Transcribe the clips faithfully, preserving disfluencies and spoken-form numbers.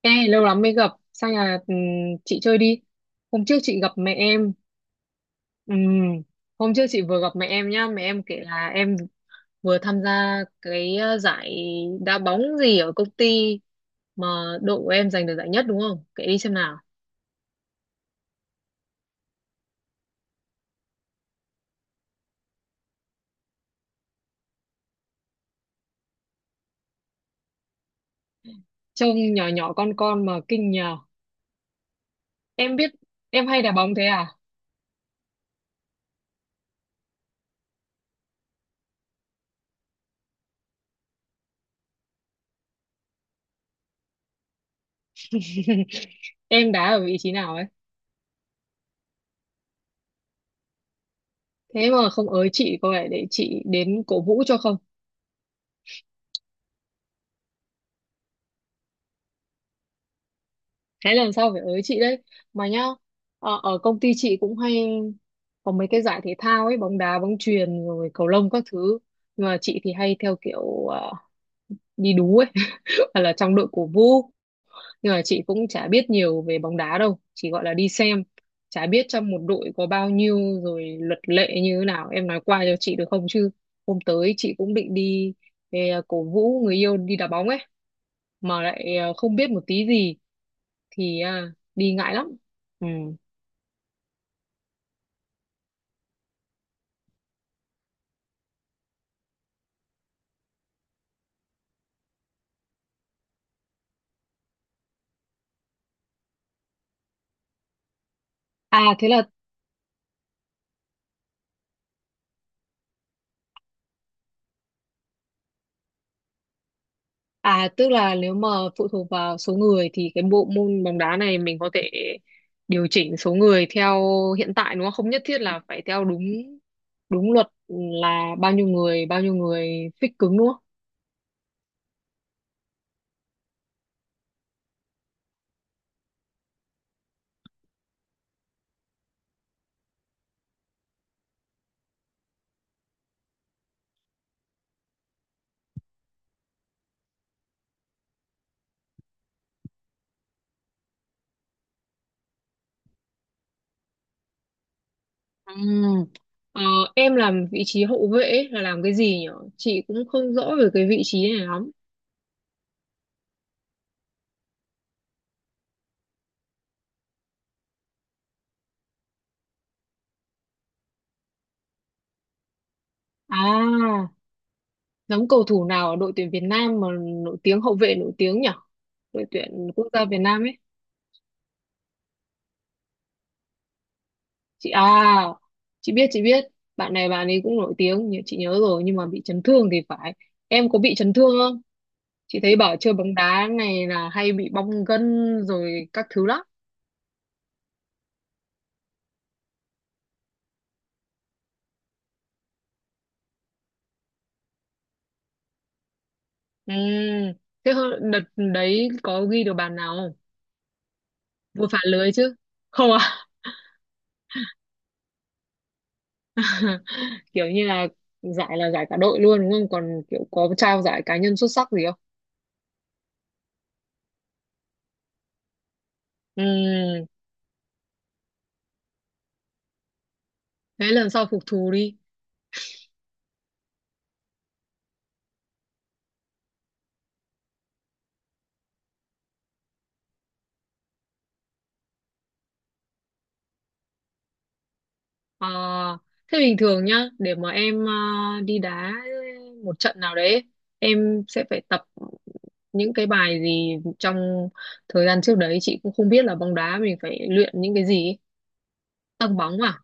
Ê, lâu lắm mới gặp, sang nhà ừm, chị chơi đi. Hôm trước chị gặp mẹ em. Ừm, Hôm trước chị vừa gặp mẹ em nhá, mẹ em kể là em vừa tham gia cái ờ, giải đá bóng gì ở công ty mà đội của em giành được giải nhất đúng không? Kể đi xem nào. Trông nhỏ nhỏ con con mà kinh nhờ. Em biết em hay đá bóng thế à? Em đá ở vị trí nào ấy? Thế mà không ới chị cô ấy để chị đến cổ vũ cho không? Thế lần sau phải ới chị đấy mà nhá. Ở, ở công ty chị cũng hay có mấy cái giải thể thao ấy, bóng đá, bóng chuyền rồi cầu lông các thứ, nhưng mà chị thì hay theo kiểu ờ, đi đú ấy, hoặc là trong đội cổ vũ, nhưng mà chị cũng chả biết nhiều về bóng đá đâu, chỉ gọi là đi xem, chả biết trong một đội có bao nhiêu rồi luật lệ như thế nào, em nói qua cho chị được không? Chứ hôm tới chị cũng định đi về cổ vũ người yêu đi đá bóng ấy, mà lại ờ, không biết một tí gì thì à, đi ngại lắm. Ừ. À thế là, à tức là, nếu mà phụ thuộc vào số người thì cái bộ môn bóng đá này mình có thể điều chỉnh số người theo hiện tại đúng không, không nhất thiết là phải theo đúng đúng luật là bao nhiêu người bao nhiêu người fix cứng đúng không? Ừm. Ờ, em làm vị trí hậu vệ ấy, là làm cái gì nhỉ? Chị cũng không rõ về cái vị trí này lắm. À giống cầu thủ nào ở đội tuyển Việt Nam mà nổi tiếng, hậu vệ nổi tiếng nhỉ, đội tuyển quốc gia Việt Nam ấy. Chị à, chị biết, chị biết, bạn này bạn ấy cũng nổi tiếng nhưng chị nhớ rồi, nhưng mà bị chấn thương thì phải. Em có bị chấn thương không? Chị thấy bảo chơi bóng đá này là hay bị bong gân rồi các thứ lắm. Ừ, thế hơ- đợt đấy có ghi được bàn nào không? Vừa phá lưới chứ? Không à? Kiểu như là giải là giải cả đội luôn đúng không, còn kiểu có trao giải cá nhân xuất sắc gì không? Ừ, thế lần sau phục thù đi. Ờ, thế bình thường nhá, để mà em ờ, đi đá một trận nào đấy, em sẽ phải tập những cái bài gì trong thời gian trước đấy? Chị cũng không biết là bóng đá mình phải luyện những cái gì ấy. Tăng bóng à?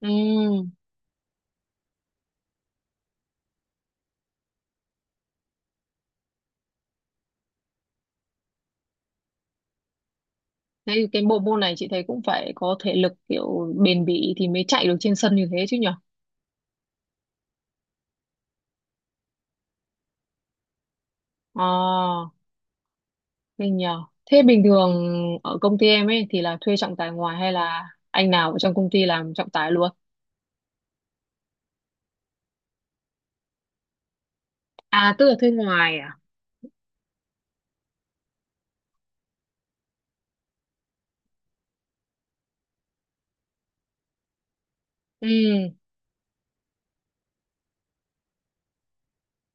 Ừ, thế thì cái bộ môn này chị thấy cũng phải có thể lực kiểu bền bỉ thì mới chạy được trên sân như thế chứ nhở? Ờ, thế nhờ. Thế bình thường ở công ty em ấy thì là thuê trọng tài ngoài hay là anh nào ở trong công ty làm trọng tài luôn? À, tức là thuê ngoài à? Ừ.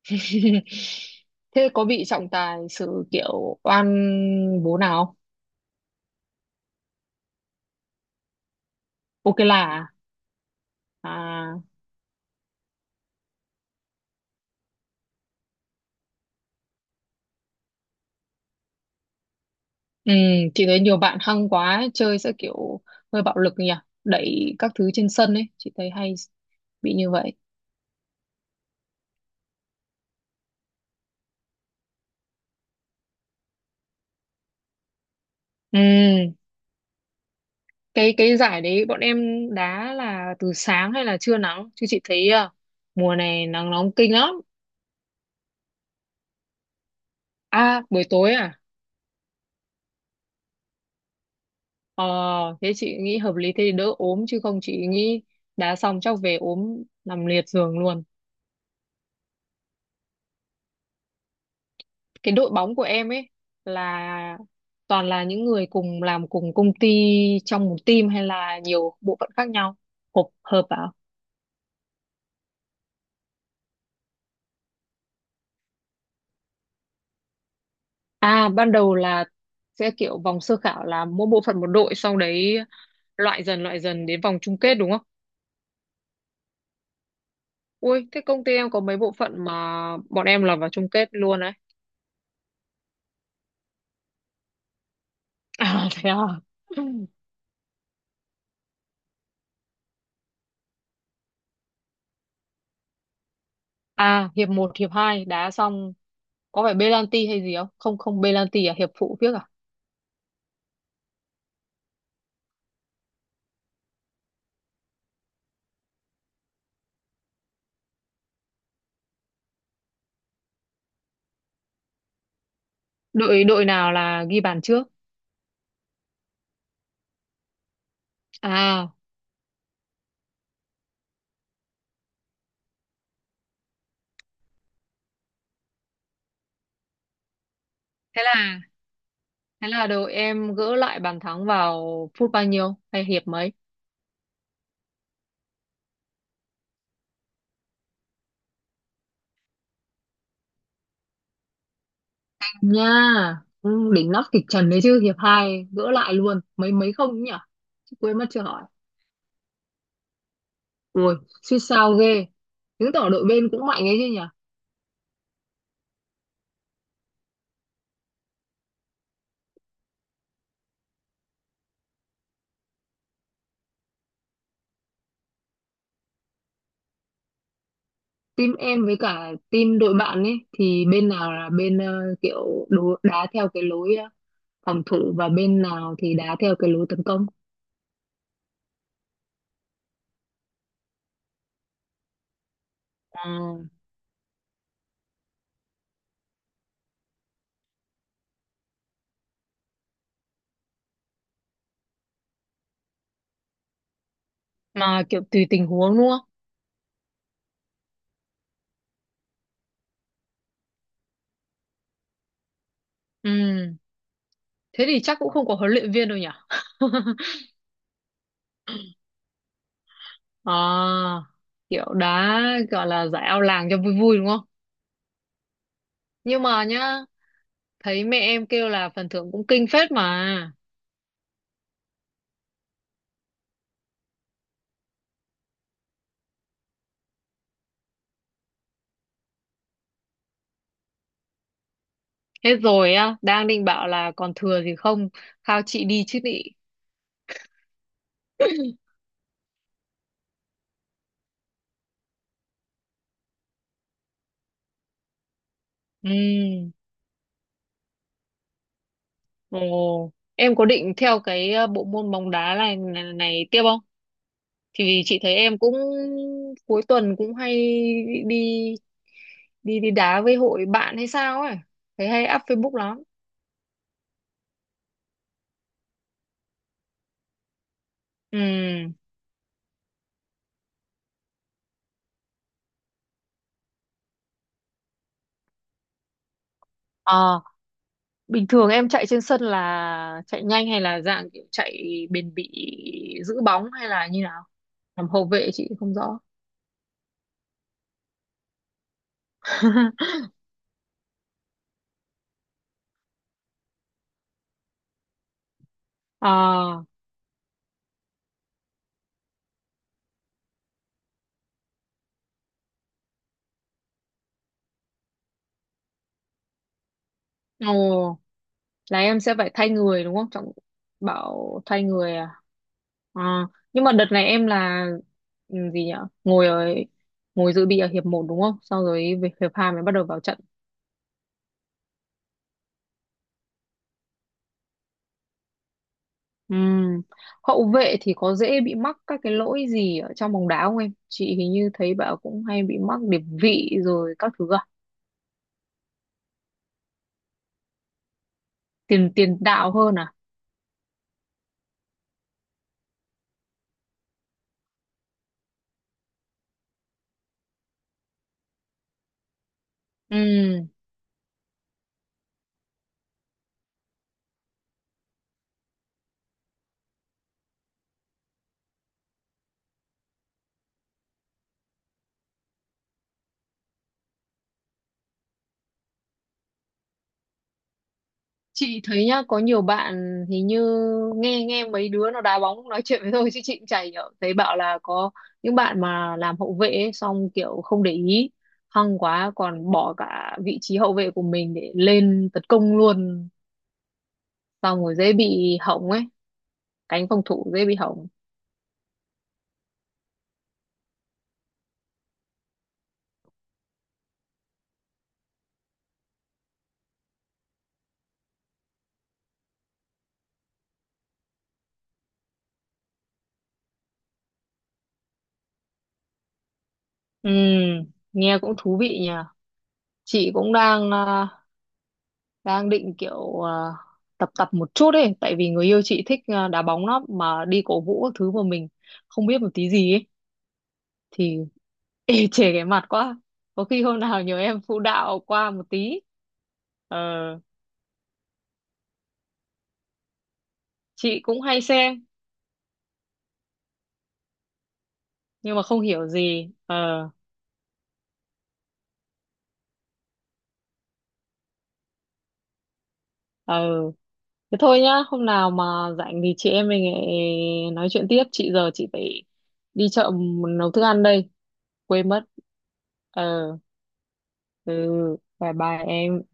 Thế có bị trọng tài xử kiểu oan bố nào không? Ok là à? À, ừ, chị thấy nhiều bạn hăng quá ấy, chơi sẽ kiểu hơi bạo lực nhỉ, đẩy các thứ trên sân ấy, chị thấy hay bị như vậy. Ừ, cái cái giải đấy bọn em đá là từ sáng hay là trưa nắng? Chứ chị thấy à, mùa này nắng nóng kinh lắm. À, buổi tối à? Ờ, thế chị nghĩ hợp lý, thế thì đỡ ốm chứ không chị nghĩ đá xong chắc về ốm nằm liệt giường luôn. Cái đội bóng của em ấy là toàn là những người cùng làm cùng công ty trong một team, hay là nhiều bộ phận khác nhau hợp hợp vào? À ban đầu là sẽ kiểu vòng sơ khảo là mỗi bộ phận một đội, sau đấy loại dần loại dần đến vòng chung kết đúng không? Ui thế công ty em có mấy bộ phận mà bọn em là vào chung kết luôn đấy. À thế à? À hiệp một hiệp hai đá xong có phải penalty hay gì không? Không, không, penalty à, hiệp phụ phiếc à? Đội đội nào là ghi bàn trước? À thế là thế là đầu em gỡ lại bàn thắng vào phút bao nhiêu hay hiệp mấy? Nha, ừ, đỉnh nóc kịch trần đấy chứ, hiệp hai gỡ lại luôn mấy mấy không ấy nhỉ? Chứ quên mất chưa hỏi. Ui suýt sao ghê. Chứng tỏ đội bên cũng mạnh ấy chứ nhỉ. Team em với cả team đội bạn ấy thì bên nào là bên ờ, kiểu đố- đá theo cái lối ờ, phòng thủ, và bên nào thì đá theo cái lối tấn công? Ừ. Mà kiểu tùy tình huống đúng không? Ừ thế thì chắc cũng không có huấn luyện viên đâu nhỉ. À, kiểu đá gọi là giải ao làng cho vui vui đúng không? Nhưng mà nhá, thấy mẹ em kêu là phần thưởng cũng kinh phết mà. Hết rồi á, đang định bảo là còn thừa gì không, khao chị đi chứ nị. Ừ, ồ, em có định theo cái ờ, bộ môn bóng đá này, này, này tiếp không? Thì vì chị thấy em cũng cuối tuần cũng hay đi đi đi đá với hội bạn hay sao ấy, thấy hay up Facebook lắm. Ừ. Bình thường em chạy trên sân là chạy nhanh hay là dạng kiểu chạy bền bỉ giữ bóng hay là như nào? Làm hậu vệ chị không rõ. À, ồ, là em sẽ phải thay người đúng không? Trọng bảo thay người à? À, nhưng mà đợt này em là ừ, gì nhỉ? Ngồi ở ngồi dự bị ở hiệp một đúng không? Sau rồi về hiệp hai mới bắt đầu vào trận. Ừm, Hậu vệ thì có dễ bị mắc các cái lỗi gì ở trong bóng đá không em? Chị hình như thấy bảo cũng hay bị mắc điệp vị rồi các thứ à? Tiền tiền đạo hơn à? Ừm, Chị thấy nhá, có nhiều bạn hình như nghe nghe mấy đứa nó đá bóng nói chuyện với tôi chứ chị cũng chả hiểu. Thấy bảo là có những bạn mà làm hậu vệ ấy, xong kiểu không để ý, hăng quá còn bỏ cả vị trí hậu vệ của mình để lên tấn công luôn, xong rồi dễ bị hỏng ấy, cánh phòng thủ dễ bị hỏng. Ừ, nghe cũng thú vị nhỉ. Chị cũng đang à, đang định kiểu à, tập tập một chút ấy, tại vì người yêu chị thích à, đá bóng lắm mà đi cổ vũ các thứ mà mình không biết một tí gì ấy thì ê chề cái mặt quá. Có khi hôm nào nhờ em phụ đạo qua một tí. Ờ, chị cũng hay xem nhưng mà không hiểu gì. Ờ, ừ, thế thôi nhá, hôm nào mà rảnh thì chị em mình lại nói chuyện tiếp, chị giờ chị phải đi chợ nấu thức ăn đây, quên mất. Ờ, ừ, bye bye em.